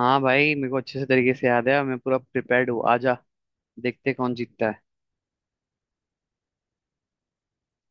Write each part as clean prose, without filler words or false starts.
हाँ भाई मेरे को अच्छे से तरीके से याद है और मैं पूरा प्रिपेयर्ड हूँ, आजा देखते हैं कौन जीतता है।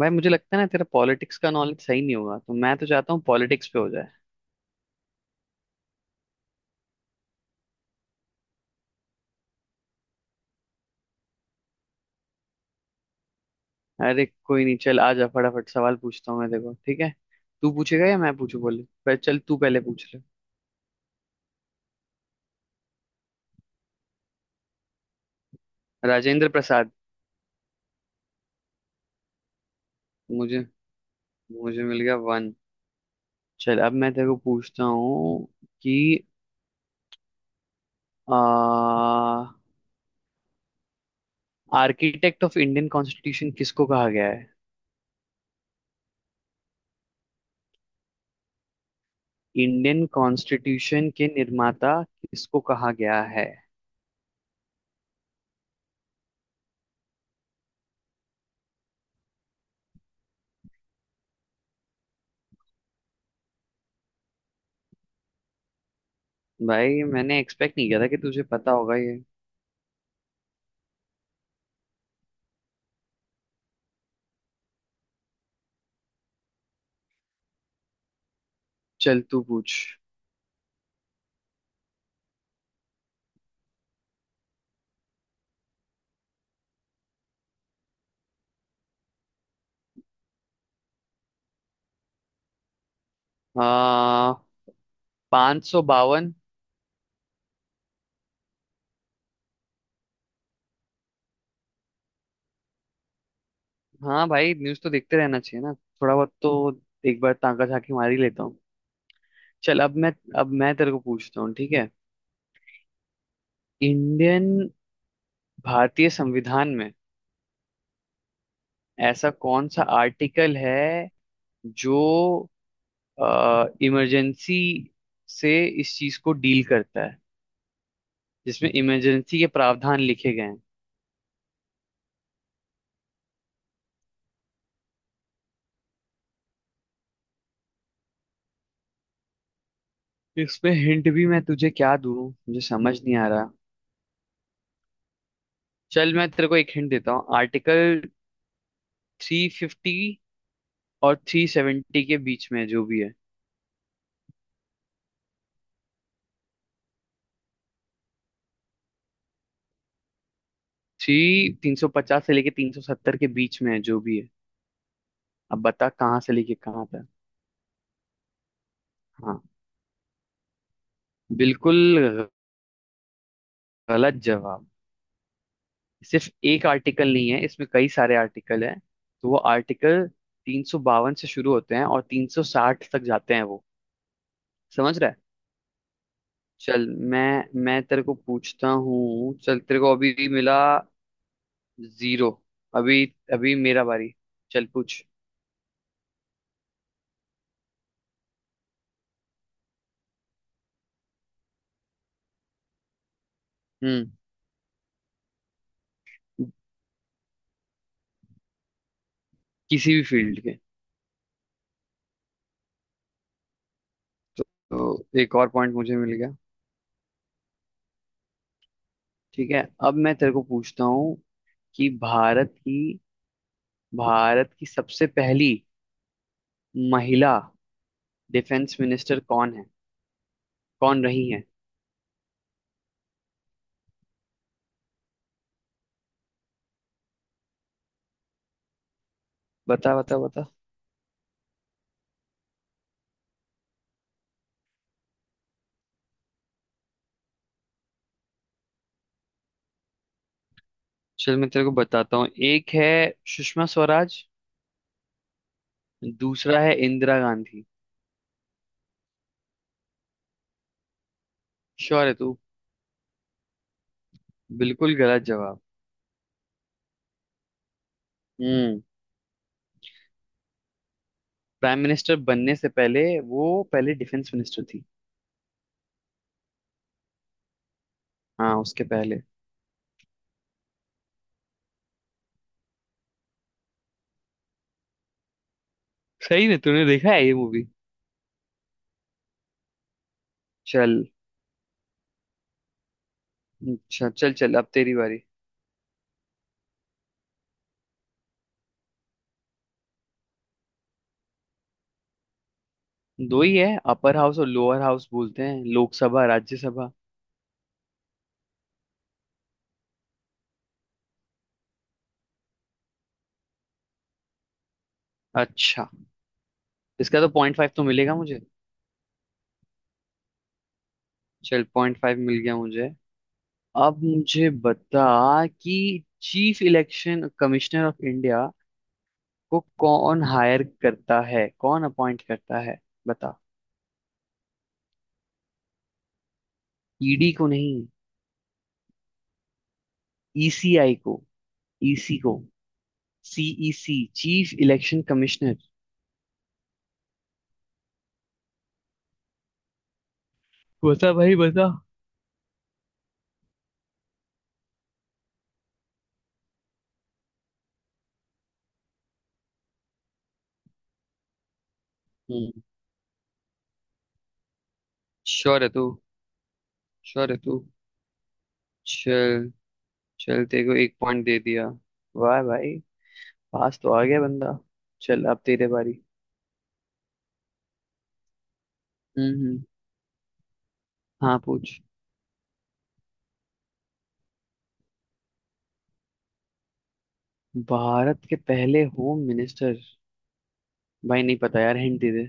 भाई मुझे लगता है ना तेरा पॉलिटिक्स का नॉलेज सही नहीं होगा, तो मैं तो चाहता हूँ पॉलिटिक्स पे हो जाए। अरे कोई नहीं, चल आजा फटाफट सवाल पूछता हूँ मैं, देखो ठीक है। तू पूछेगा या मैं पूछू बोले, पर चल तू पहले पूछ ले। राजेंद्र प्रसाद। मुझे मुझे मिल गया 1। चल अब मैं तेरे को पूछता हूँ कि आर्किटेक्ट ऑफ इंडियन कॉन्स्टिट्यूशन किसको कहा गया है? इंडियन कॉन्स्टिट्यूशन के निर्माता किसको कहा गया है? भाई मैंने एक्सपेक्ट नहीं किया था कि तुझे पता होगा ये। चल तू पूछ। आ 552। हाँ भाई न्यूज तो देखते रहना चाहिए ना, थोड़ा बहुत तो एक बार ताका झाकी मार ही लेता हूँ। चल अब मैं तेरे को पूछता हूँ ठीक है। इंडियन भारतीय संविधान में ऐसा कौन सा आर्टिकल है जो इमरजेंसी से, इस चीज को डील करता है, जिसमें इमरजेंसी के प्रावधान लिखे गए हैं? इसमें हिंट भी मैं तुझे क्या दूं, मुझे समझ नहीं आ रहा। चल मैं तेरे को एक हिंट देता हूँ, आर्टिकल 350 और 370 के बीच में है जो भी है। थ्री 350 से लेके 370 के बीच में है जो भी है, अब बता कहाँ से लेके कहाँ तक। हाँ, बिल्कुल गलत जवाब। सिर्फ एक आर्टिकल नहीं है, इसमें कई सारे आर्टिकल हैं, तो वो आर्टिकल 352 से शुरू होते हैं और 360 तक जाते हैं वो। समझ रहा है? चल मैं मैं तेरे को पूछता हूँ, चल तेरे को अभी मिला जीरो। अभी अभी मेरा बारी। चल पूछ। हम्म। किसी भी फील्ड के। तो, तो एक और पॉइंट मुझे मिल गया। ठीक है, अब मैं तेरे को पूछता हूँ कि भारत की सबसे पहली महिला डिफेंस मिनिस्टर कौन रही है? बता बता बता। चल मैं तेरे को बताता हूँ, एक है सुषमा स्वराज, दूसरा है इंदिरा गांधी। श्योर है तू? बिल्कुल गलत जवाब। हम्म। प्राइम मिनिस्टर बनने से पहले वो पहले डिफेंस मिनिस्टर थी। हाँ, उसके पहले। सही है, तूने देखा है ये मूवी। चल अच्छा, चल चल अब तेरी बारी। दो ही है, अपर हाउस और लोअर हाउस बोलते हैं, लोकसभा राज्यसभा। अच्छा, इसका तो 0.5 तो मिलेगा मुझे। चल 0.5 मिल गया मुझे। अब मुझे बता कि chief election commissioner of India को कौन हायर करता है, कौन अपॉइंट करता है, बता। ईडी को नहीं। ईसीआई को, ईसी को, सीईसी, चीफ इलेक्शन कमिश्नर, बता भाई बता। हम्म। श्योर है तू? श्योर है तू? चल, चल तेरे को एक पॉइंट दे दिया। वाह भाई, पास तो आ गया बंदा। चल अब तेरे बारी। हम्म, हम्म। हाँ पूछ। भारत के पहले होम मिनिस्टर। भाई नहीं पता यार, हिंट दे दे।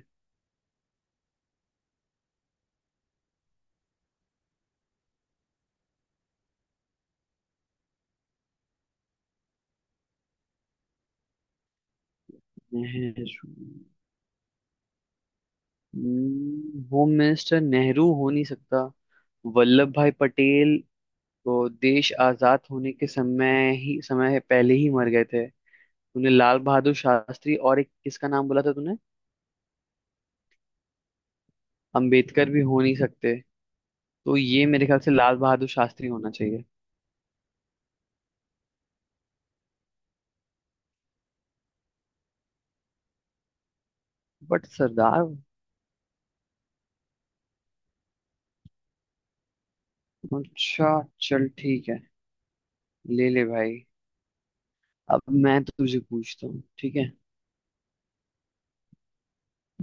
नेहरू। होम मिनिस्टर नेहरू हो नहीं सकता। वल्लभ भाई पटेल तो देश आजाद होने के समय पहले ही मर गए थे। तूने लाल बहादुर शास्त्री और एक किसका नाम बोला था तूने? अंबेडकर भी हो नहीं सकते। तो ये मेरे ख्याल से लाल बहादुर शास्त्री होना चाहिए। बट सरदार। अच्छा चल ठीक है, ले ले भाई। अब मैं तुझे पूछता हूँ ठीक है।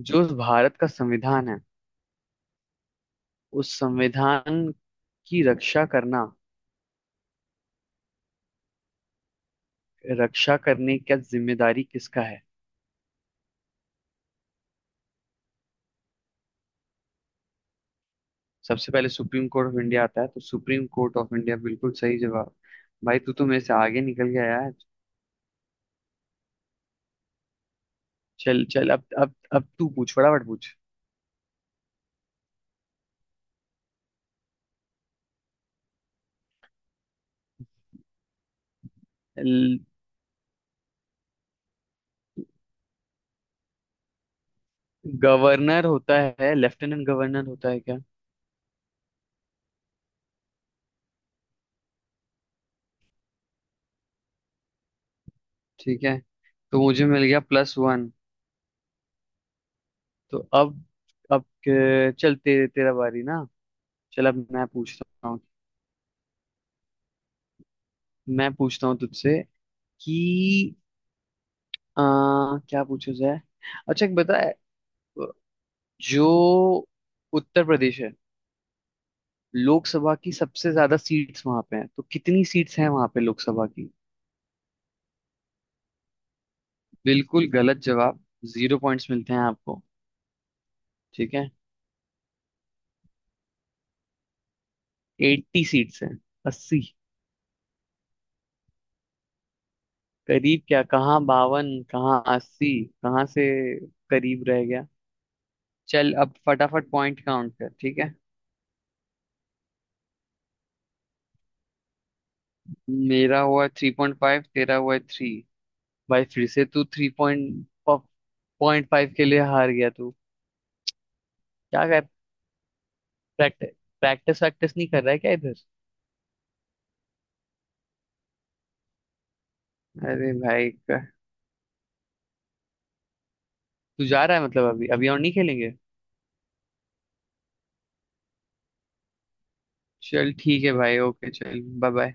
जो भारत का संविधान है, उस संविधान की रक्षा करने का जिम्मेदारी किसका है? सबसे पहले सुप्रीम कोर्ट ऑफ इंडिया आता है, तो सुप्रीम कोर्ट ऑफ इंडिया, बिल्कुल सही जवाब। भाई तू तो मेरे से आगे निकल गया यार। चल चल अब तू पूछ, फटाफट पूछ। गवर्नर होता है, लेफ्टिनेंट गवर्नर होता है क्या? ठीक है, तो मुझे मिल गया +1। तो अब चल तेरे तेरा बारी ना। चल अब मैं पूछता हूँ, मैं पूछता हूँ तुझसे कि आ, क्या पूछा जाए। अच्छा एक बता, जो उत्तर प्रदेश है, लोकसभा की सबसे ज्यादा सीट्स वहां पे हैं, तो कितनी सीट्स हैं वहां पे लोकसभा की? बिल्कुल गलत जवाब। जीरो पॉइंट्स मिलते हैं आपको। ठीक है। 80 सीट्स हैं, 80। करीब क्या, कहाँ 52 कहाँ 80, कहाँ से करीब रह गया। चल अब फटाफट पॉइंट काउंट कर, ठीक है। मेरा हुआ 3.5, तेरा हुआ 3। भाई फिर से तू थ्री पॉइंट 0.5 के लिए हार गया तू। क्या कर, प्रैक्टिस प्रैक्टिस वैक्टिस नहीं कर रहा है क्या इधर? अरे भाई, तू जा रहा है मतलब? अभी अभी और नहीं खेलेंगे? चल ठीक है भाई, ओके, चल बाय बाय।